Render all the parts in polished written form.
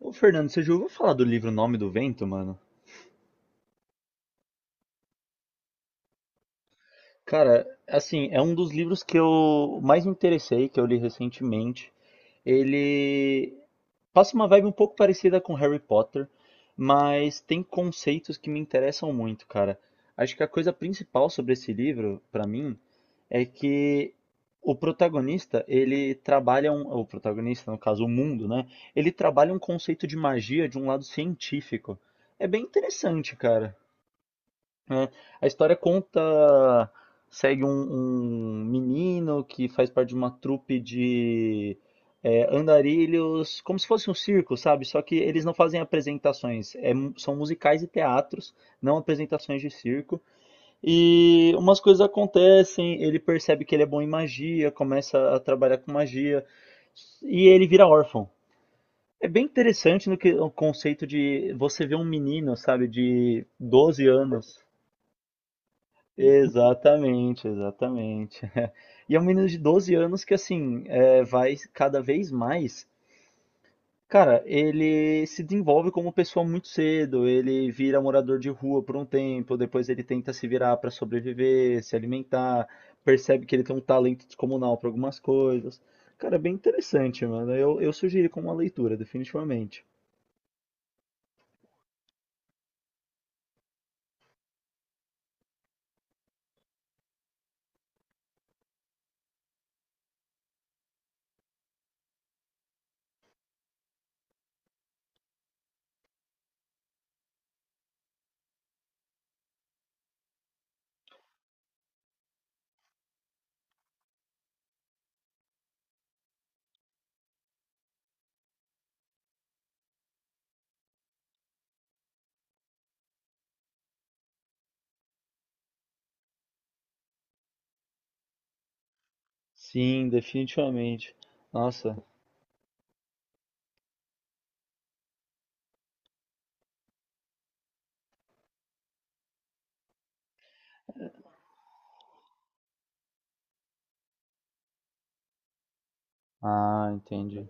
Ô, Fernando, você já ouviu falar do livro Nome do Vento, mano? Cara, assim, é um dos livros que eu mais me interessei, que eu li recentemente. Ele passa uma vibe um pouco parecida com Harry Potter, mas tem conceitos que me interessam muito, cara. Acho que a coisa principal sobre esse livro, pra mim, é que o protagonista, o protagonista, no caso, o mundo, né? Ele trabalha um conceito de magia de um lado científico. É bem interessante, cara. Né? A história conta, segue um menino que faz parte de uma trupe de andarilhos, como se fosse um circo, sabe? Só que eles não fazem apresentações, são musicais e teatros, não apresentações de circo. E umas coisas acontecem, ele percebe que ele é bom em magia, começa a trabalhar com magia, e ele vira órfão. É bem interessante no que o conceito de você ver um menino, sabe, de 12 anos. Exatamente, exatamente. E é um menino de 12 anos que, assim, vai cada vez mais. Cara, ele se desenvolve como pessoa muito cedo. Ele vira morador de rua por um tempo, depois ele tenta se virar para sobreviver, se alimentar, percebe que ele tem um talento descomunal para algumas coisas. Cara, é bem interessante, mano. Eu sugiro como uma leitura, definitivamente. Sim, definitivamente. Nossa. Ah, entendi.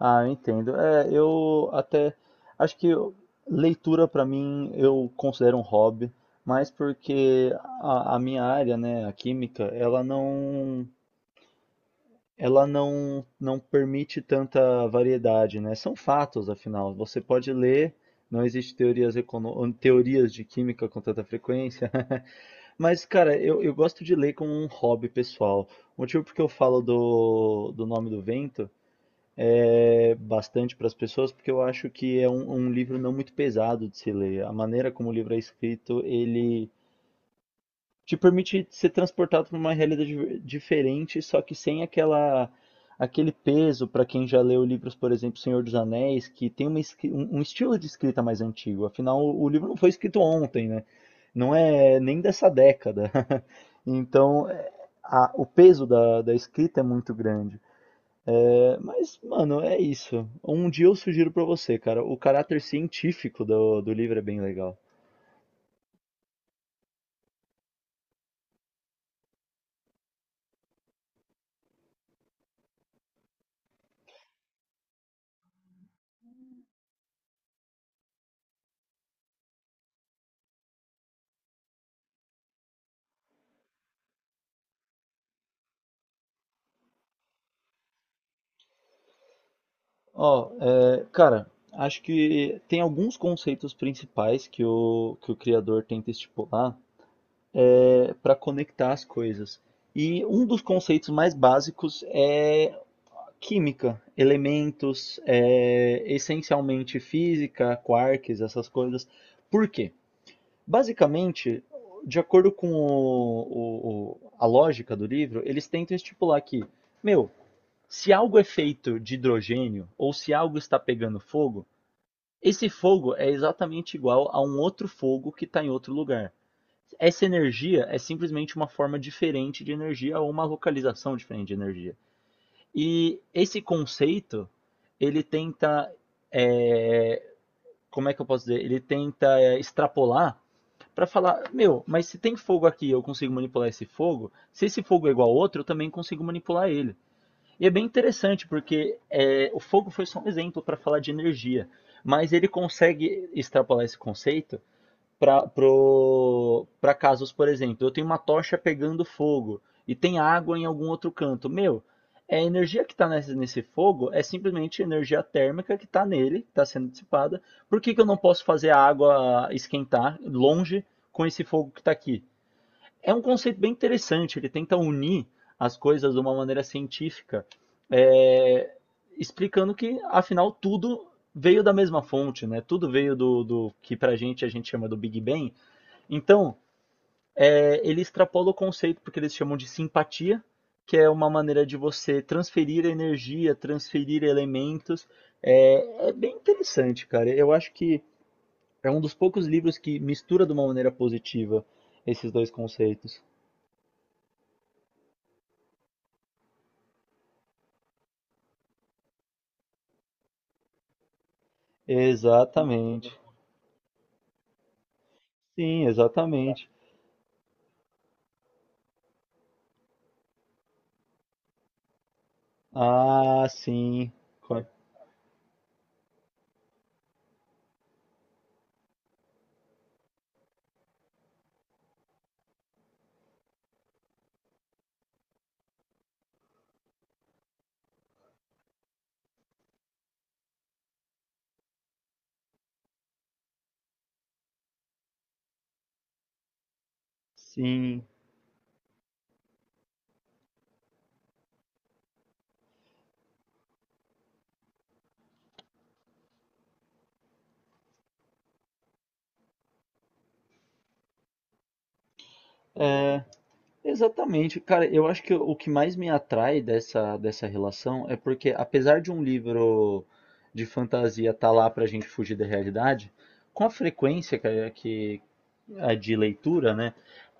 Ah, eu entendo. É, eu até acho que eu- leitura para mim eu considero um hobby, mas porque a minha área, né, a química, ela não permite tanta variedade, né? São fatos, afinal. Você pode ler, não existe teorias de química com tanta frequência. Mas, cara, eu gosto de ler como um hobby pessoal. O motivo porque eu falo do nome do vento bastante para as pessoas, porque eu acho que é um livro não muito pesado de se ler. A maneira como o livro é escrito, ele te permite ser transportado para uma realidade diferente, só que sem aquela aquele peso para quem já leu livros, por exemplo, Senhor dos Anéis, que tem um estilo de escrita mais antigo. Afinal, o livro não foi escrito ontem, né? Não é nem dessa década. Então, o peso da escrita é muito grande. É, mas, mano, é isso. Um dia eu sugiro pra você, cara. O caráter científico do livro é bem legal. Ó, cara, acho que tem alguns conceitos principais que o criador tenta estipular para conectar as coisas. E um dos conceitos mais básicos é química, elementos, essencialmente física, quarks, essas coisas. Por quê? Basicamente, de acordo com a lógica do livro, eles tentam estipular que, meu, se algo é feito de hidrogênio ou se algo está pegando fogo, esse fogo é exatamente igual a um outro fogo que está em outro lugar. Essa energia é simplesmente uma forma diferente de energia ou uma localização diferente de energia. E esse conceito, ele tenta, é, como é que eu posso dizer? Ele tenta extrapolar. Pra falar, meu, mas se tem fogo aqui, e eu consigo manipular esse fogo. Se esse fogo é igual a outro, eu também consigo manipular ele. E é bem interessante porque o fogo foi só um exemplo para falar de energia, mas ele consegue extrapolar esse conceito para casos, por exemplo, eu tenho uma tocha pegando fogo e tem água em algum outro canto. Meu, é a energia que está nesse fogo é simplesmente energia térmica que está nele, que está sendo dissipada. Por que, que eu não posso fazer a água esquentar longe com esse fogo que está aqui? É um conceito bem interessante, ele tenta unir as coisas de uma maneira científica, é, explicando que, afinal, tudo veio da mesma fonte, né? Tudo veio do que pra gente a gente chama do Big Bang, então, ele extrapola o conceito porque eles chamam de simpatia, que é uma maneira de você transferir energia, transferir elementos. É bem interessante, cara. Eu acho que é um dos poucos livros que mistura de uma maneira positiva esses dois conceitos. Exatamente. Sim, exatamente. Ah, sim. Sim. Exatamente, cara, eu acho que o que mais me atrai dessa relação é porque, apesar de um livro de fantasia estar lá pra gente fugir da realidade, com a frequência, cara, que, a de leitura, né?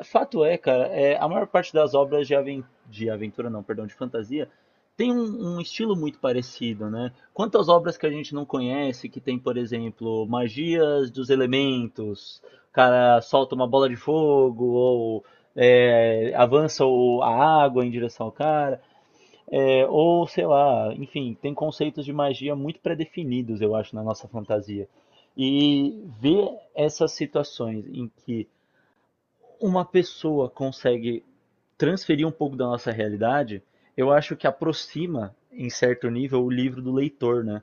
Fato é, cara, a maior parte das obras de aventura, não, perdão, de fantasia, tem um estilo muito parecido, né? Quantas obras que a gente não conhece que tem, por exemplo, magias dos elementos, o cara solta uma bola de fogo, ou avança a água em direção ao cara, ou sei lá, enfim, tem conceitos de magia muito pré-definidos, eu acho, na nossa fantasia. E ver essas situações em que uma pessoa consegue transferir um pouco da nossa realidade, eu acho que aproxima, em certo nível, o livro do leitor, né?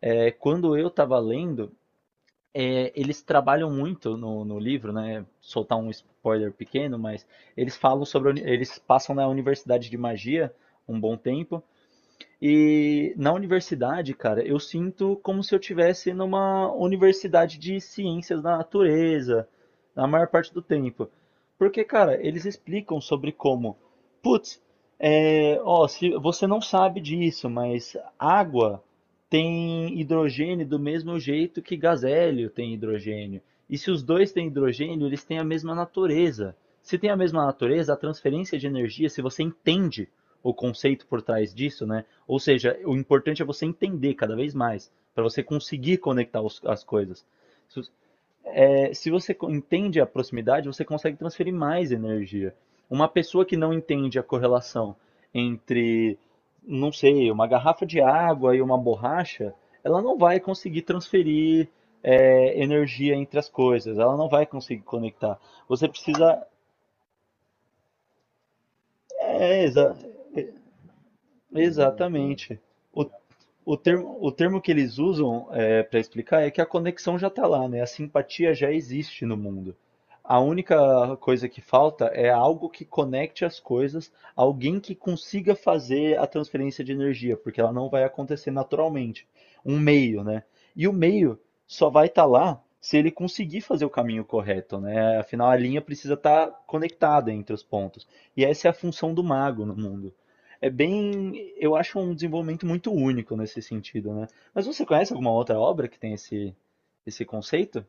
É, quando eu estava lendo, eles trabalham muito no livro, né? Soltar um spoiler pequeno, mas eles falam sobre eles passam na Universidade de Magia um bom tempo e na universidade, cara, eu sinto como se eu tivesse numa universidade de ciências da natureza, na maior parte do tempo. Porque, cara, eles explicam sobre como, putz, ó, se você não sabe disso, mas água tem hidrogênio do mesmo jeito que gás hélio tem hidrogênio. E se os dois têm hidrogênio, eles têm a mesma natureza. Se tem a mesma natureza, a transferência de energia, se você entende o conceito por trás disso, né? Ou seja, o importante é você entender cada vez mais, para você conseguir conectar as coisas. Se, se você entende a proximidade, você consegue transferir mais energia. Uma pessoa que não entende a correlação entre, não sei, uma garrafa de água e uma borracha, ela não vai conseguir transferir, energia entre as coisas, ela não vai conseguir conectar. Você precisa. É, exatamente. O o termo que eles usam para explicar é que a conexão já está lá, né? A simpatia já existe no mundo. A única coisa que falta é algo que conecte as coisas, alguém que consiga fazer a transferência de energia, porque ela não vai acontecer naturalmente. Um meio, né? E o meio só vai estar lá se ele conseguir fazer o caminho correto, né? Afinal, a linha precisa estar conectada entre os pontos. E essa é a função do mago no mundo. Eu acho um desenvolvimento muito único nesse sentido, né? Mas você conhece alguma outra obra que tem esse conceito?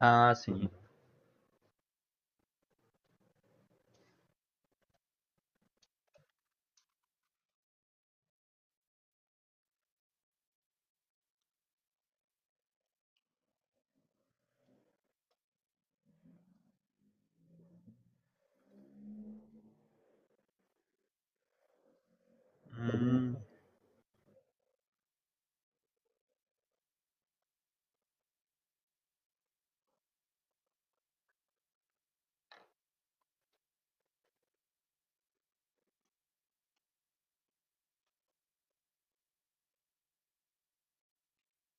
Ah, sim. Hum,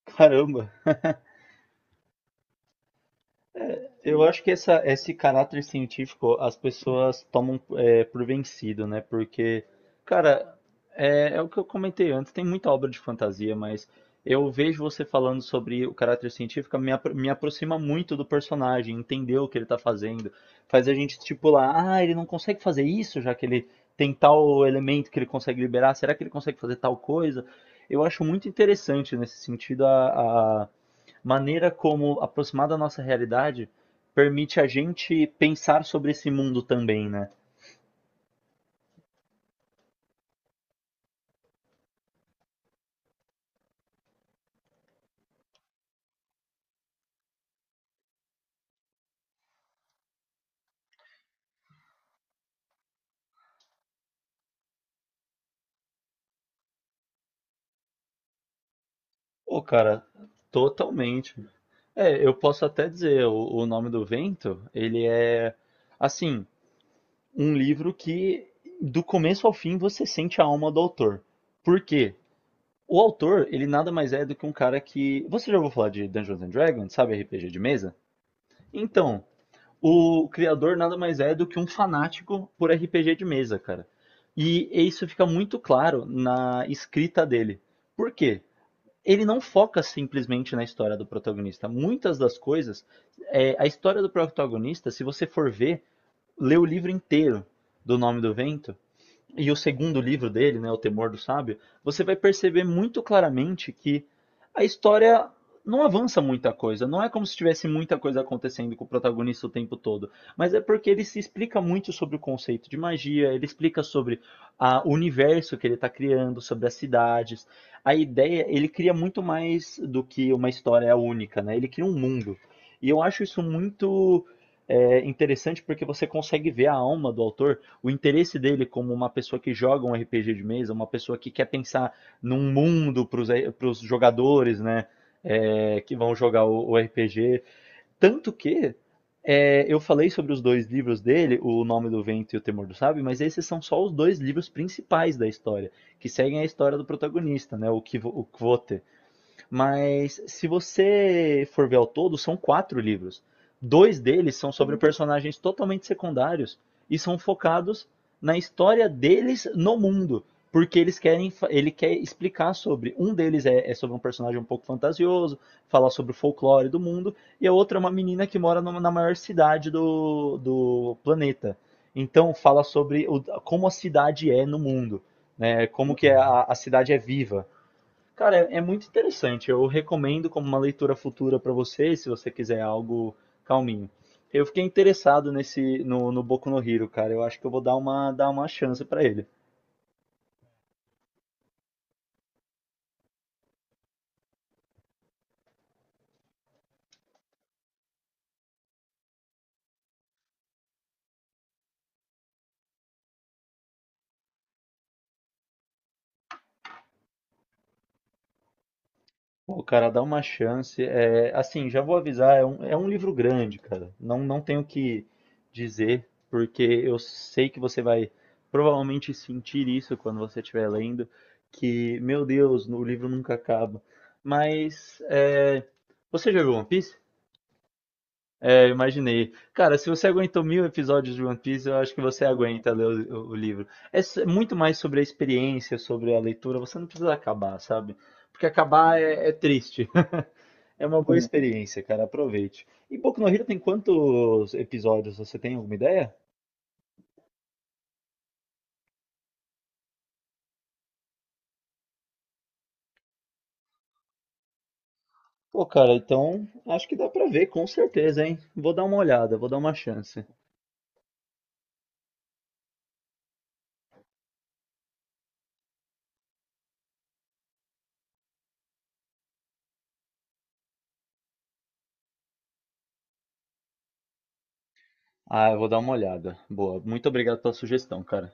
caramba. Eu acho que esse caráter científico as pessoas tomam por vencido, né? Porque, cara, é o que eu comentei antes, tem muita obra de fantasia, mas eu vejo você falando sobre o caráter científico, me aproxima muito do personagem, entender o que ele tá fazendo. Faz a gente estipular, ah, ele não consegue fazer isso, já que ele tem tal elemento que ele consegue liberar, será que ele consegue fazer tal coisa? Eu acho muito interessante nesse sentido maneira como aproximar da nossa realidade permite a gente pensar sobre esse mundo também, né? Pô, cara, totalmente. É, eu posso até dizer, o Nome do Vento, ele é, assim, um livro que do começo ao fim você sente a alma do autor. Por quê? O autor, ele nada mais é do que um cara que... Você já ouviu falar de Dungeons and Dragons, sabe, RPG de mesa? Então, o criador nada mais é do que um fanático por RPG de mesa, cara. E isso fica muito claro na escrita dele. Por quê? Ele não foca simplesmente na história do protagonista. Muitas das coisas, a história do protagonista, se você for ver, lê o livro inteiro do Nome do Vento, e o segundo livro dele, né, O Temor do Sábio, você vai perceber muito claramente que a história não avança muita coisa. Não é como se tivesse muita coisa acontecendo com o protagonista o tempo todo. Mas é porque ele se explica muito sobre o conceito de magia, ele explica sobre o universo que ele está criando, sobre as cidades. A ideia, ele cria muito mais do que uma história única, né? Ele cria um mundo. E eu acho isso muito interessante porque você consegue ver a alma do autor, o interesse dele como uma pessoa que joga um RPG de mesa, uma pessoa que quer pensar num mundo para os jogadores, né? É, que vão jogar o RPG. Tanto que eu falei sobre os dois livros dele, O Nome do Vento e O Temor do Sábio, mas esses são só os dois livros principais da história, que seguem a história do protagonista, né? O Kvote. Mas se você for ver ao todo, são quatro livros. Dois deles são sobre personagens totalmente secundários e são focados na história deles no mundo, porque eles querem, ele quer explicar sobre. Um deles é sobre um personagem um pouco fantasioso, falar sobre o folclore do mundo, e a outra é uma menina que mora na maior cidade do planeta. Então fala sobre como a cidade é no mundo, né? Como que a cidade é viva. Cara, é muito interessante. Eu recomendo como uma leitura futura para você, se você quiser algo calminho. Eu fiquei interessado nesse no, no Boku no Hero, cara. Eu acho que eu vou dar uma chance para ele. Pô, cara, dá uma chance. É, assim, já vou avisar, é um livro grande, cara. Não, não tenho o que dizer, porque eu sei que você vai provavelmente sentir isso quando você estiver lendo, que, meu Deus, o livro nunca acaba. Mas, você já viu One Piece? Eu imaginei. Cara, se você aguentou 1.000 episódios de One Piece, eu acho que você aguenta ler o livro. É muito mais sobre a experiência, sobre a leitura. Você não precisa acabar, sabe? Porque acabar é triste. É uma boa experiência, cara. Aproveite. E Boku no Hero tem quantos episódios? Você tem alguma ideia? Pô, cara, então acho que dá pra ver, com certeza, hein? Vou dar uma olhada, vou dar uma chance. Ah, eu vou dar uma olhada. Boa. Muito obrigado pela sugestão, cara.